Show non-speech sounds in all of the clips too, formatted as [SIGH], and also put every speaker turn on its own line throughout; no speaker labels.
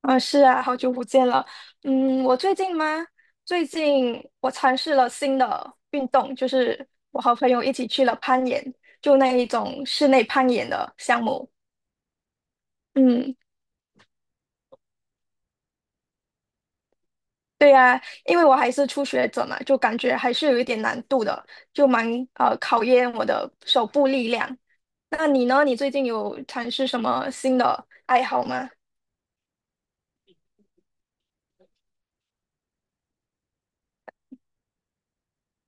啊，是啊，好久不见了。嗯，我最近吗？最近我尝试了新的运动，就是我和朋友一起去了攀岩，就那一种室内攀岩的项目。嗯，对呀，因为我还是初学者嘛，就感觉还是有一点难度的，就蛮考验我的手部力量。那你呢？你最近有尝试什么新的爱好吗？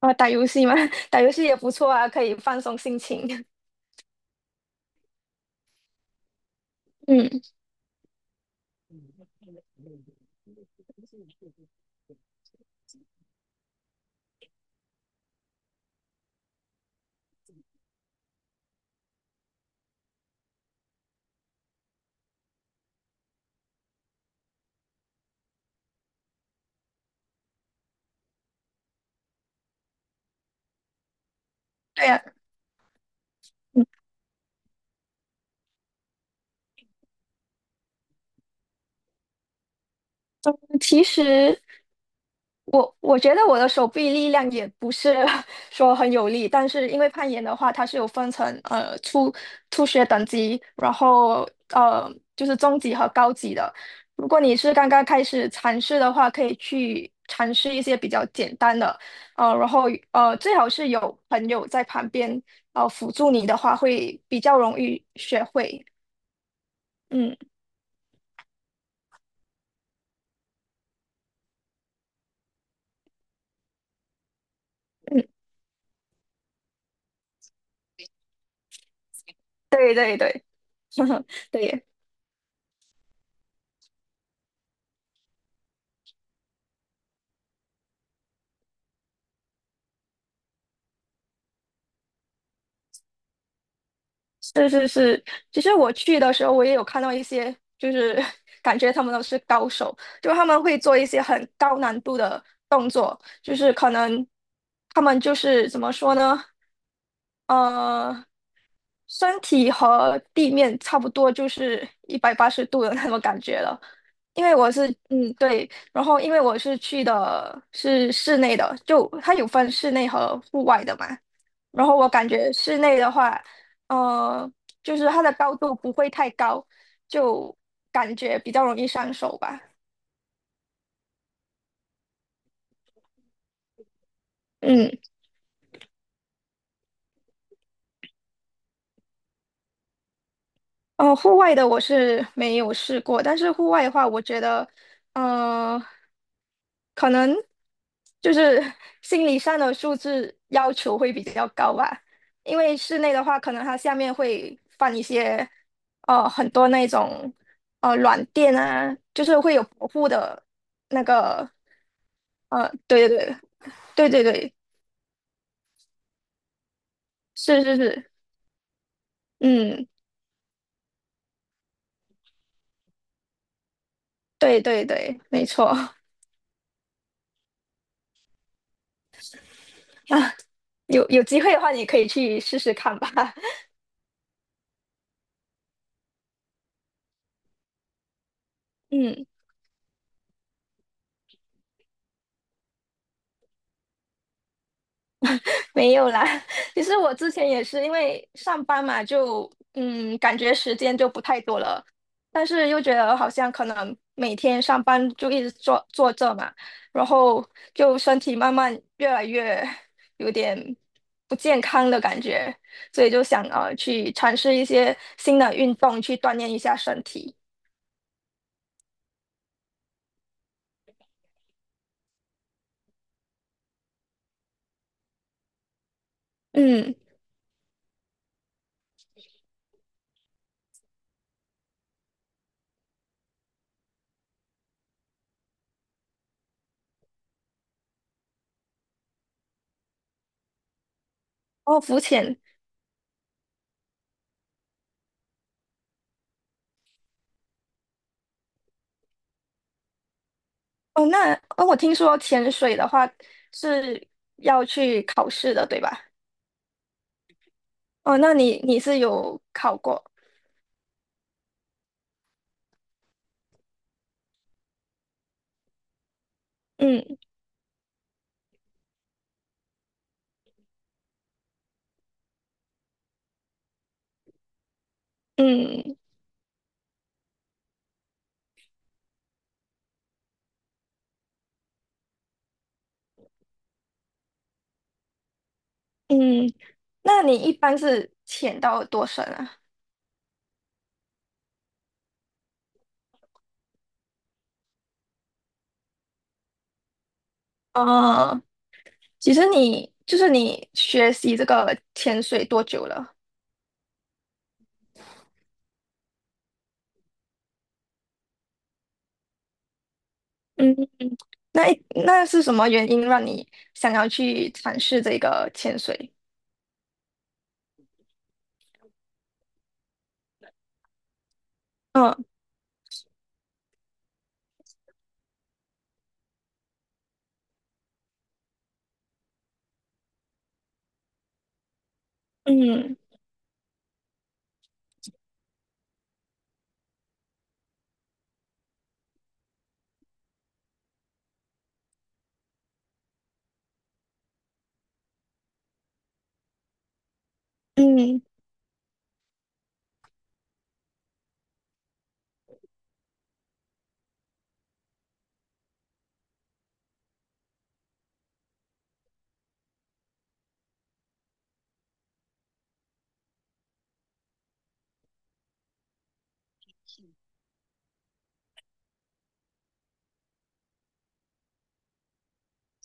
啊，打游戏吗？[LAUGHS] 打游戏也不错啊，可以放松心情。[LAUGHS] 嗯，对呀，其实，我觉得我的手臂力量也不是 [LAUGHS] 说很有力，但是因为攀岩的话，它是有分成初学等级，然后就是中级和高级的。如果你是刚刚开始尝试的话，可以去尝试一些比较简单的，然后最好是有朋友在旁边辅助你的话，会比较容易学会。嗯嗯，对对对，[LAUGHS] 对。是是是，其实我去的时候，我也有看到一些，就是 [LAUGHS] 感觉他们都是高手，就他们会做一些很高难度的动作，就是可能他们就是怎么说呢？呃，身体和地面差不多，就是180度的那种感觉了。因为我是，嗯，对，然后因为我是去的是室内的，就它有分室内和户外的嘛。然后我感觉室内的话，呃，就是它的高度不会太高，就感觉比较容易上手吧。嗯。哦，户外的我是没有试过，但是户外的话，我觉得，呃，可能就是 [LAUGHS] 心理上的素质要求会比较高吧。因为室内的话，可能它下面会放一些，很多那种，软垫啊，就是会有保护的那个，呃，对对对，是是是，嗯，对对对，没错。[LAUGHS] 啊，有机会的话，你可以去试试看吧。嗯，没有啦。[LAUGHS] 其实我之前也是因为上班嘛，就嗯，感觉时间就不太多了，但是又觉得好像可能每天上班就一直坐这嘛，然后就身体慢慢越来越有点不健康的感觉，所以就想去尝试一些新的运动去锻炼一下身体。嗯，哦，浮潜。哦，那哦，我听说潜水的话是要去考试的，对吧？哦，那你是有考过？嗯嗯嗯，那你一般是潜到多深啊？哦，其实你就是你学习这个潜水多久了？嗯，那是什么原因让你想要去尝试这个潜水？嗯嗯嗯，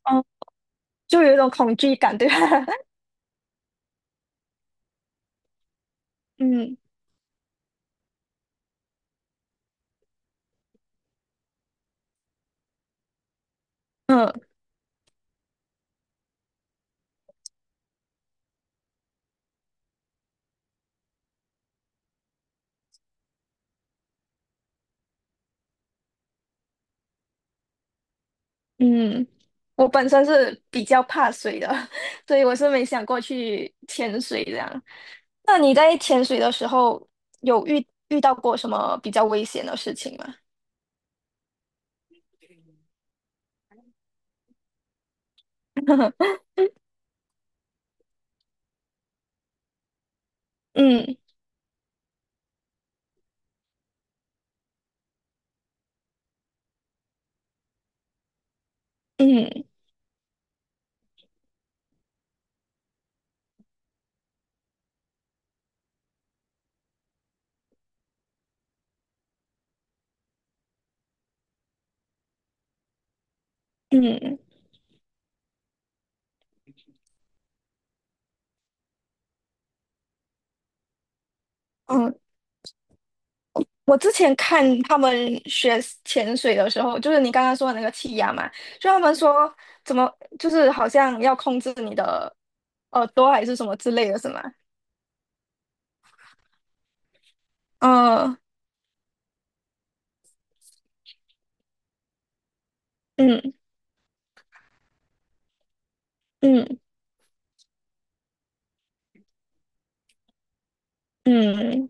哦，就有一种恐惧感，对吧？[LAUGHS] 嗯嗯嗯，我本身是比较怕水的，[LAUGHS] 所以我是没想过去潜水这样。那你在潜水的时候有遇到过什么比较危险的事情吗？嗯嗯嗯嗯，我之前看他们学潜水的时候，就是你刚刚说的那个气压嘛，就他们说怎么就是好像要控制你的耳朵还是什么之类的，是吗？嗯嗯嗯嗯，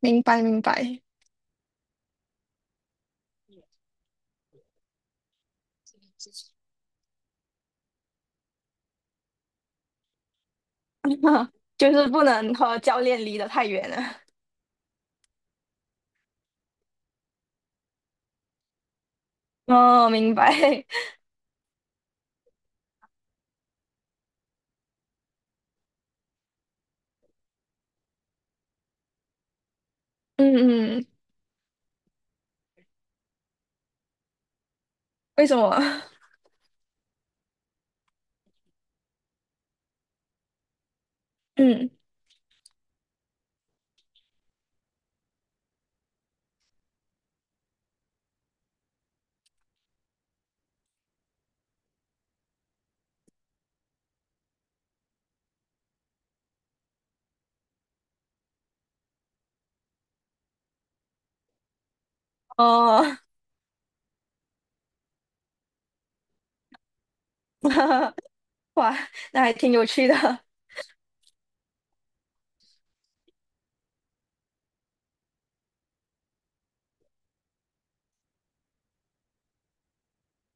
明白明白。[LAUGHS] 就是不能和教练离得太远了。哦，明白。[LAUGHS] 嗯嗯，为什么？嗯，哦，[LAUGHS] 哇，那还挺有趣的。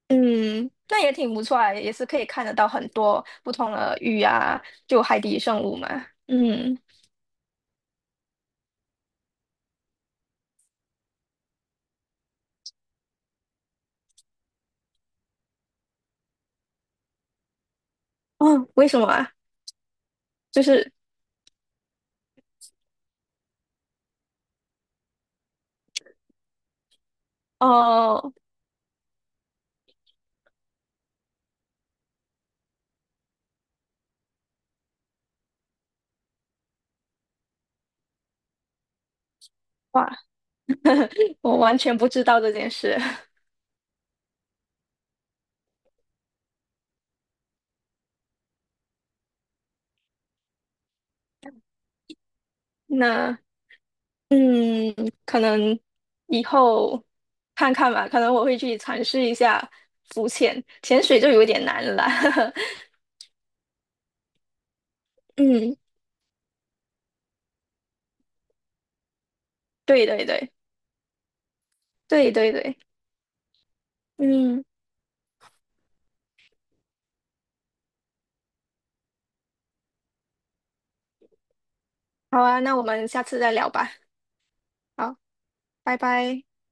嗯，那也挺不错啊，也是可以看得到很多不同的鱼啊，就海底生物嘛。嗯，哦，为什么啊？就是哦，哇，我完全不知道这件事。[LAUGHS] 那嗯，可能以后看看吧，可能我会去尝试一下浮潜，潜水就有点难了哈。[LAUGHS] 嗯，对对对对对对，嗯，好啊，那我们下次再聊吧。好，拜拜。